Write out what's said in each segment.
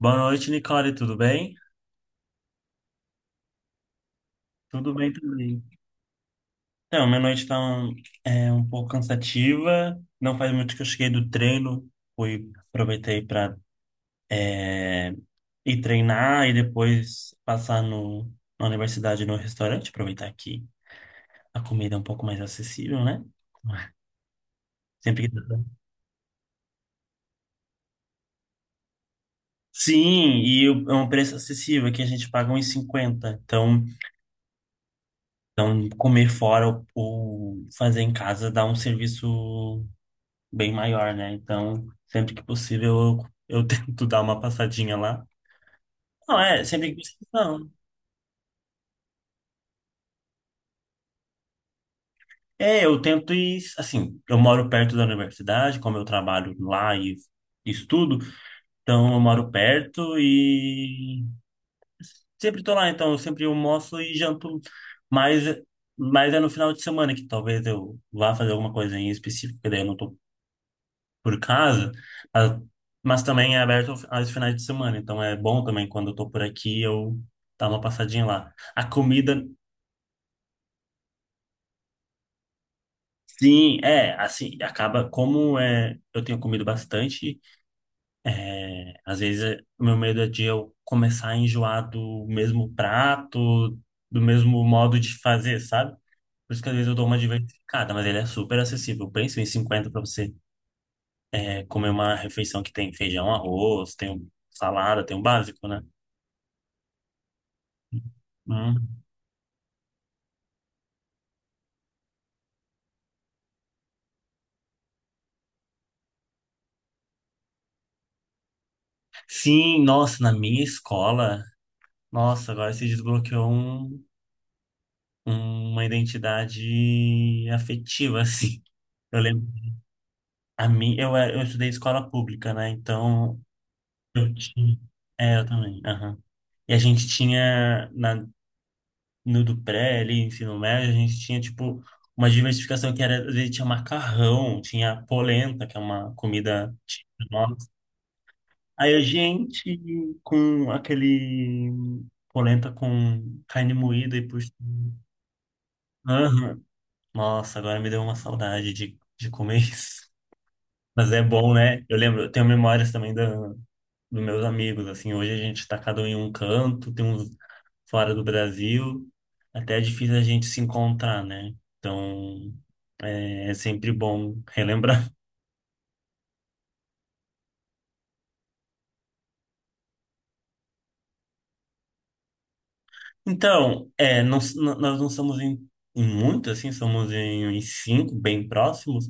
Boa noite, Nicole, tudo bem? Tudo bem também. Então, minha noite tá um pouco cansativa. Não faz muito que eu cheguei do treino. Fui, aproveitei para ir treinar e depois passar na universidade, no restaurante. Aproveitar que a comida é um pouco mais acessível, né? Sempre que dá. Sim, é um preço acessível, que a gente paga uns 50. Então comer fora ou fazer em casa dá um serviço bem maior, né? Então, sempre que possível, eu tento dar uma passadinha lá. Não, sempre que possível, não. É, eu tento ir, assim, eu moro perto da universidade, como eu trabalho lá e estudo, então eu moro perto e sempre tô lá, então eu sempre almoço e janto, mas, mas é no final de semana que talvez eu vá fazer alguma coisa em específico, que daí eu não tô por casa, mas, mas também é aberto aos finais de semana, então é bom também quando eu tô por aqui eu dar uma passadinha lá. A comida, sim, assim, acaba como é, eu tenho comido bastante, o meu medo é de eu começar a enjoar do mesmo prato, do mesmo modo de fazer, sabe? Por isso que às vezes eu dou uma diversificada, mas ele é super acessível. Pensa em 50 para você comer uma refeição que tem feijão, arroz, tem um salada, tem o básico, né? Hum. Sim, nossa, na minha escola, nossa, agora se desbloqueou uma identidade afetiva, assim. Eu lembro, a mim, eu estudei escola pública, né? Então, eu tinha. É, eu também. Aham. E a gente tinha, na, no do pré, ali, ensino médio, a gente tinha, tipo, uma diversificação que era, às vezes, tinha macarrão, tinha polenta, que é uma comida típica. Aí a gente com aquele polenta com carne moída e por cima. Aham. Nossa, agora me deu uma saudade de comer isso. Mas é bom, né? Eu lembro, eu tenho memórias também da, dos meus amigos, assim, hoje a gente tá cada um em um canto, tem uns fora do Brasil, até é difícil a gente se encontrar, né? Então, é sempre bom relembrar. Então, não, nós não somos em, em, muito, assim, somos em cinco, bem próximos,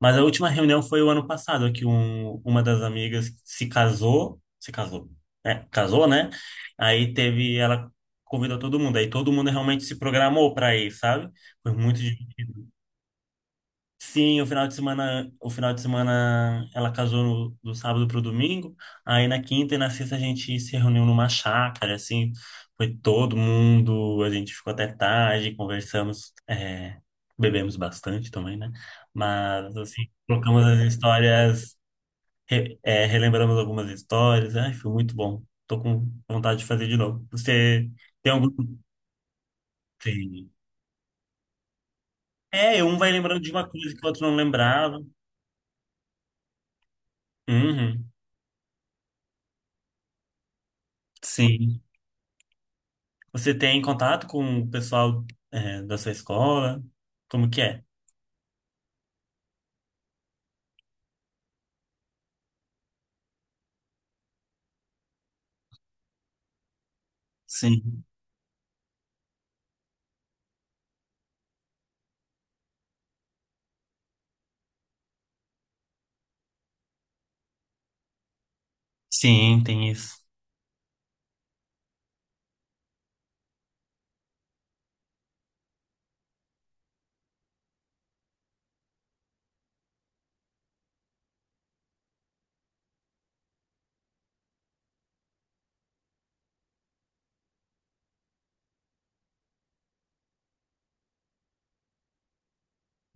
mas a última reunião foi o ano passado, que uma das amigas se casou, né? Casou, né? Aí teve, ela convidou todo mundo, aí todo mundo realmente se programou para ir, sabe? Foi muito divertido. Sim, o final de semana, o final de semana ela casou do sábado pro domingo. Aí na quinta e na sexta a gente se reuniu numa chácara, assim, foi todo mundo, a gente ficou até tarde, conversamos, bebemos bastante também, né? Mas assim, trocamos as histórias, relembramos algumas histórias, ai, foi muito bom. Tô com vontade de fazer de novo. Você tem algum? Tem. É, um vai lembrando de uma coisa que o outro não lembrava. Uhum. Sim. Você tem contato com o pessoal, da sua escola? Como que é? Sim, sim, tem isso.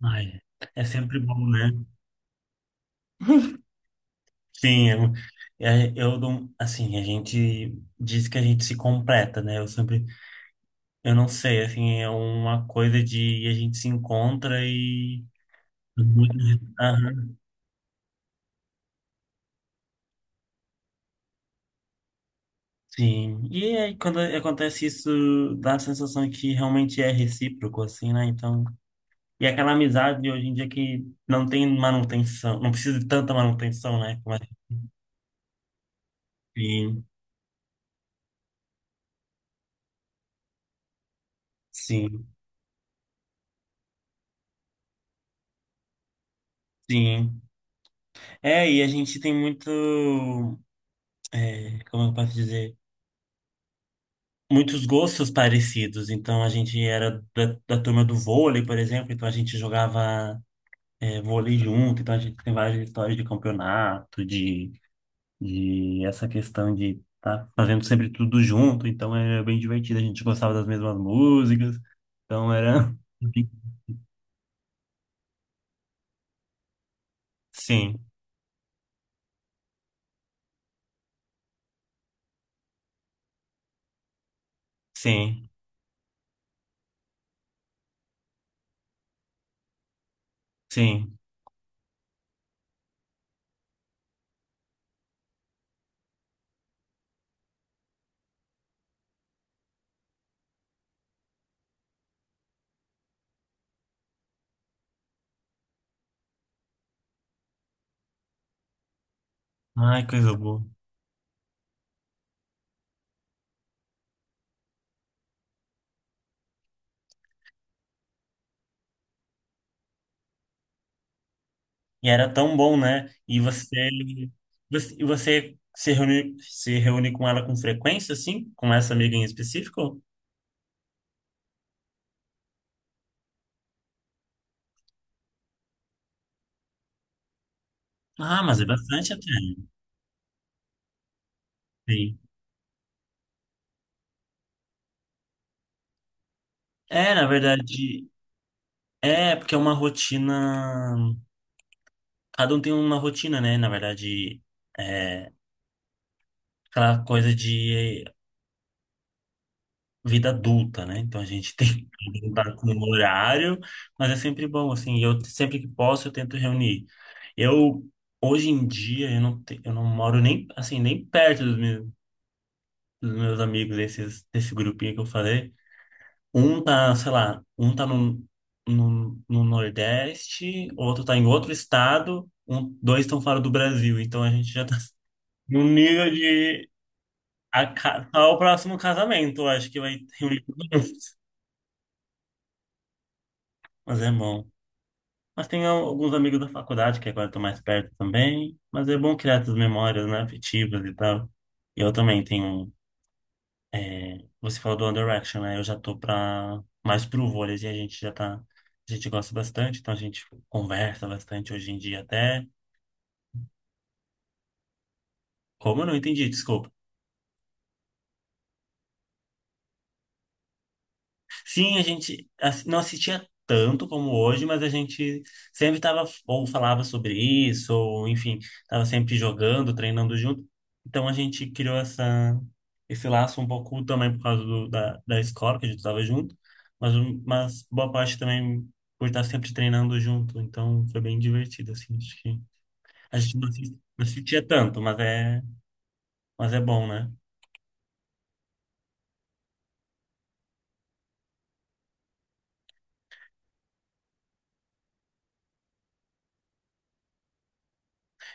Ai, é sempre bom, né? Sim, eu não, assim, a gente diz que a gente se completa, né? Eu sempre, eu não sei, assim, é uma coisa de a gente se encontra e. Aham, sim. E aí, quando acontece isso, dá a sensação que realmente é recíproco, assim, né? Então. E aquela amizade de hoje em dia que não tem manutenção, não precisa de tanta manutenção, né? Como a gente-. Sim, sim, sim. É, e a gente tem muito, como eu posso dizer, muitos gostos parecidos. Então a gente era da turma do vôlei, por exemplo, então a gente jogava, vôlei junto, então a gente tem várias histórias de campeonato, de essa questão de estar fazendo sempre tudo junto, então era bem divertido, a gente gostava das mesmas músicas, então era. Sim, sim, sim. Ai, coisa boa. E era tão bom, né? E você, e você se reúne com ela com frequência, assim? Com essa amiga em específico? Ah, mas é bastante até, né? Sim. É, na verdade, porque é uma rotina. Cada um tem uma rotina, né? Na verdade, é aquela coisa de vida adulta, né? Então a gente tem que lidar com o horário, mas é sempre bom, assim, e eu sempre que posso eu tento reunir. Eu, hoje em dia, eu não moro nem, assim, nem perto dos meus amigos, desse grupinho que eu falei. Um tá, sei lá, um tá no Nordeste, outro tá em outro estado, um, dois estão fora do Brasil, então a gente já tá num nível de... Tá o próximo casamento, eu acho que vai reunir todo mundo. Mas é bom. Mas tem alguns amigos da faculdade que agora estão mais perto também. Mas é bom criar essas memórias, né, afetivas e tal. E eu também tenho. Você falou do One Direction, né? Eu já tô mais pro vôlei e a gente já tá. A gente gosta bastante, então a gente conversa bastante hoje em dia até. Como eu não entendi, desculpa. Sim, a gente não assistia tanto como hoje, mas a gente sempre estava ou falava sobre isso, ou enfim, estava sempre jogando, treinando junto. Então a gente criou esse laço um pouco também por causa da escola, que a gente estava junto, mas boa parte também por estar sempre treinando junto. Então foi bem divertido, assim. Acho que a gente não assistia tanto, mas é bom, né?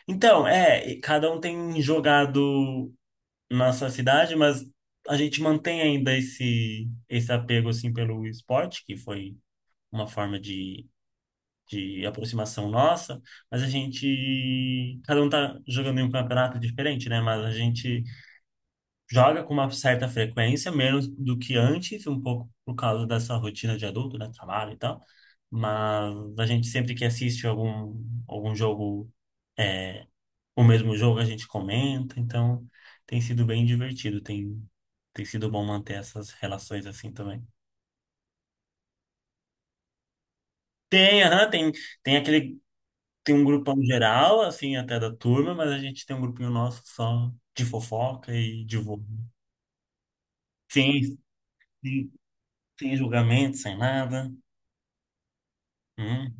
Então, e cada um tem jogado. Nossa cidade, mas a gente mantém ainda esse apego assim pelo esporte, que foi uma forma de aproximação nossa, mas a gente cada um tá jogando em um campeonato diferente, né? Mas a gente joga com uma certa frequência, menos do que antes, um pouco por causa dessa rotina de adulto, né, trabalho e tal. Mas a gente sempre que assiste algum algum jogo o mesmo jogo a gente comenta, então tem sido bem divertido, tem sido bom manter essas relações assim também. Tem, aham, tem aquele, tem um grupão geral, assim, até da turma, mas a gente tem um grupinho nosso só de fofoca e de vô. Sim, sim, sem julgamento, sem nada. Hum,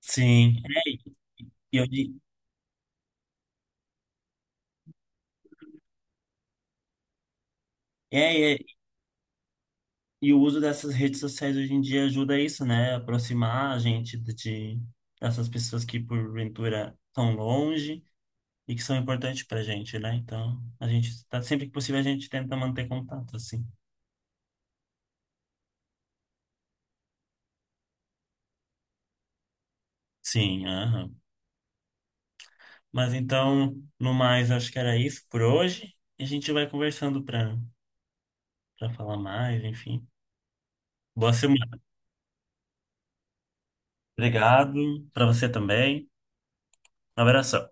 sim. É, e hoje- é, é, e o uso dessas redes sociais hoje em dia ajuda a isso, né? Aproximar a gente de- dessas pessoas que porventura estão longe. E que são importantes pra gente, né? Então, a gente tá sempre que possível a gente tenta manter contato, assim. Sim, aham. Mas então, no mais, acho que era isso por hoje. E a gente vai conversando pra para falar mais, enfim. Boa semana. Obrigado para você também. Um abraço.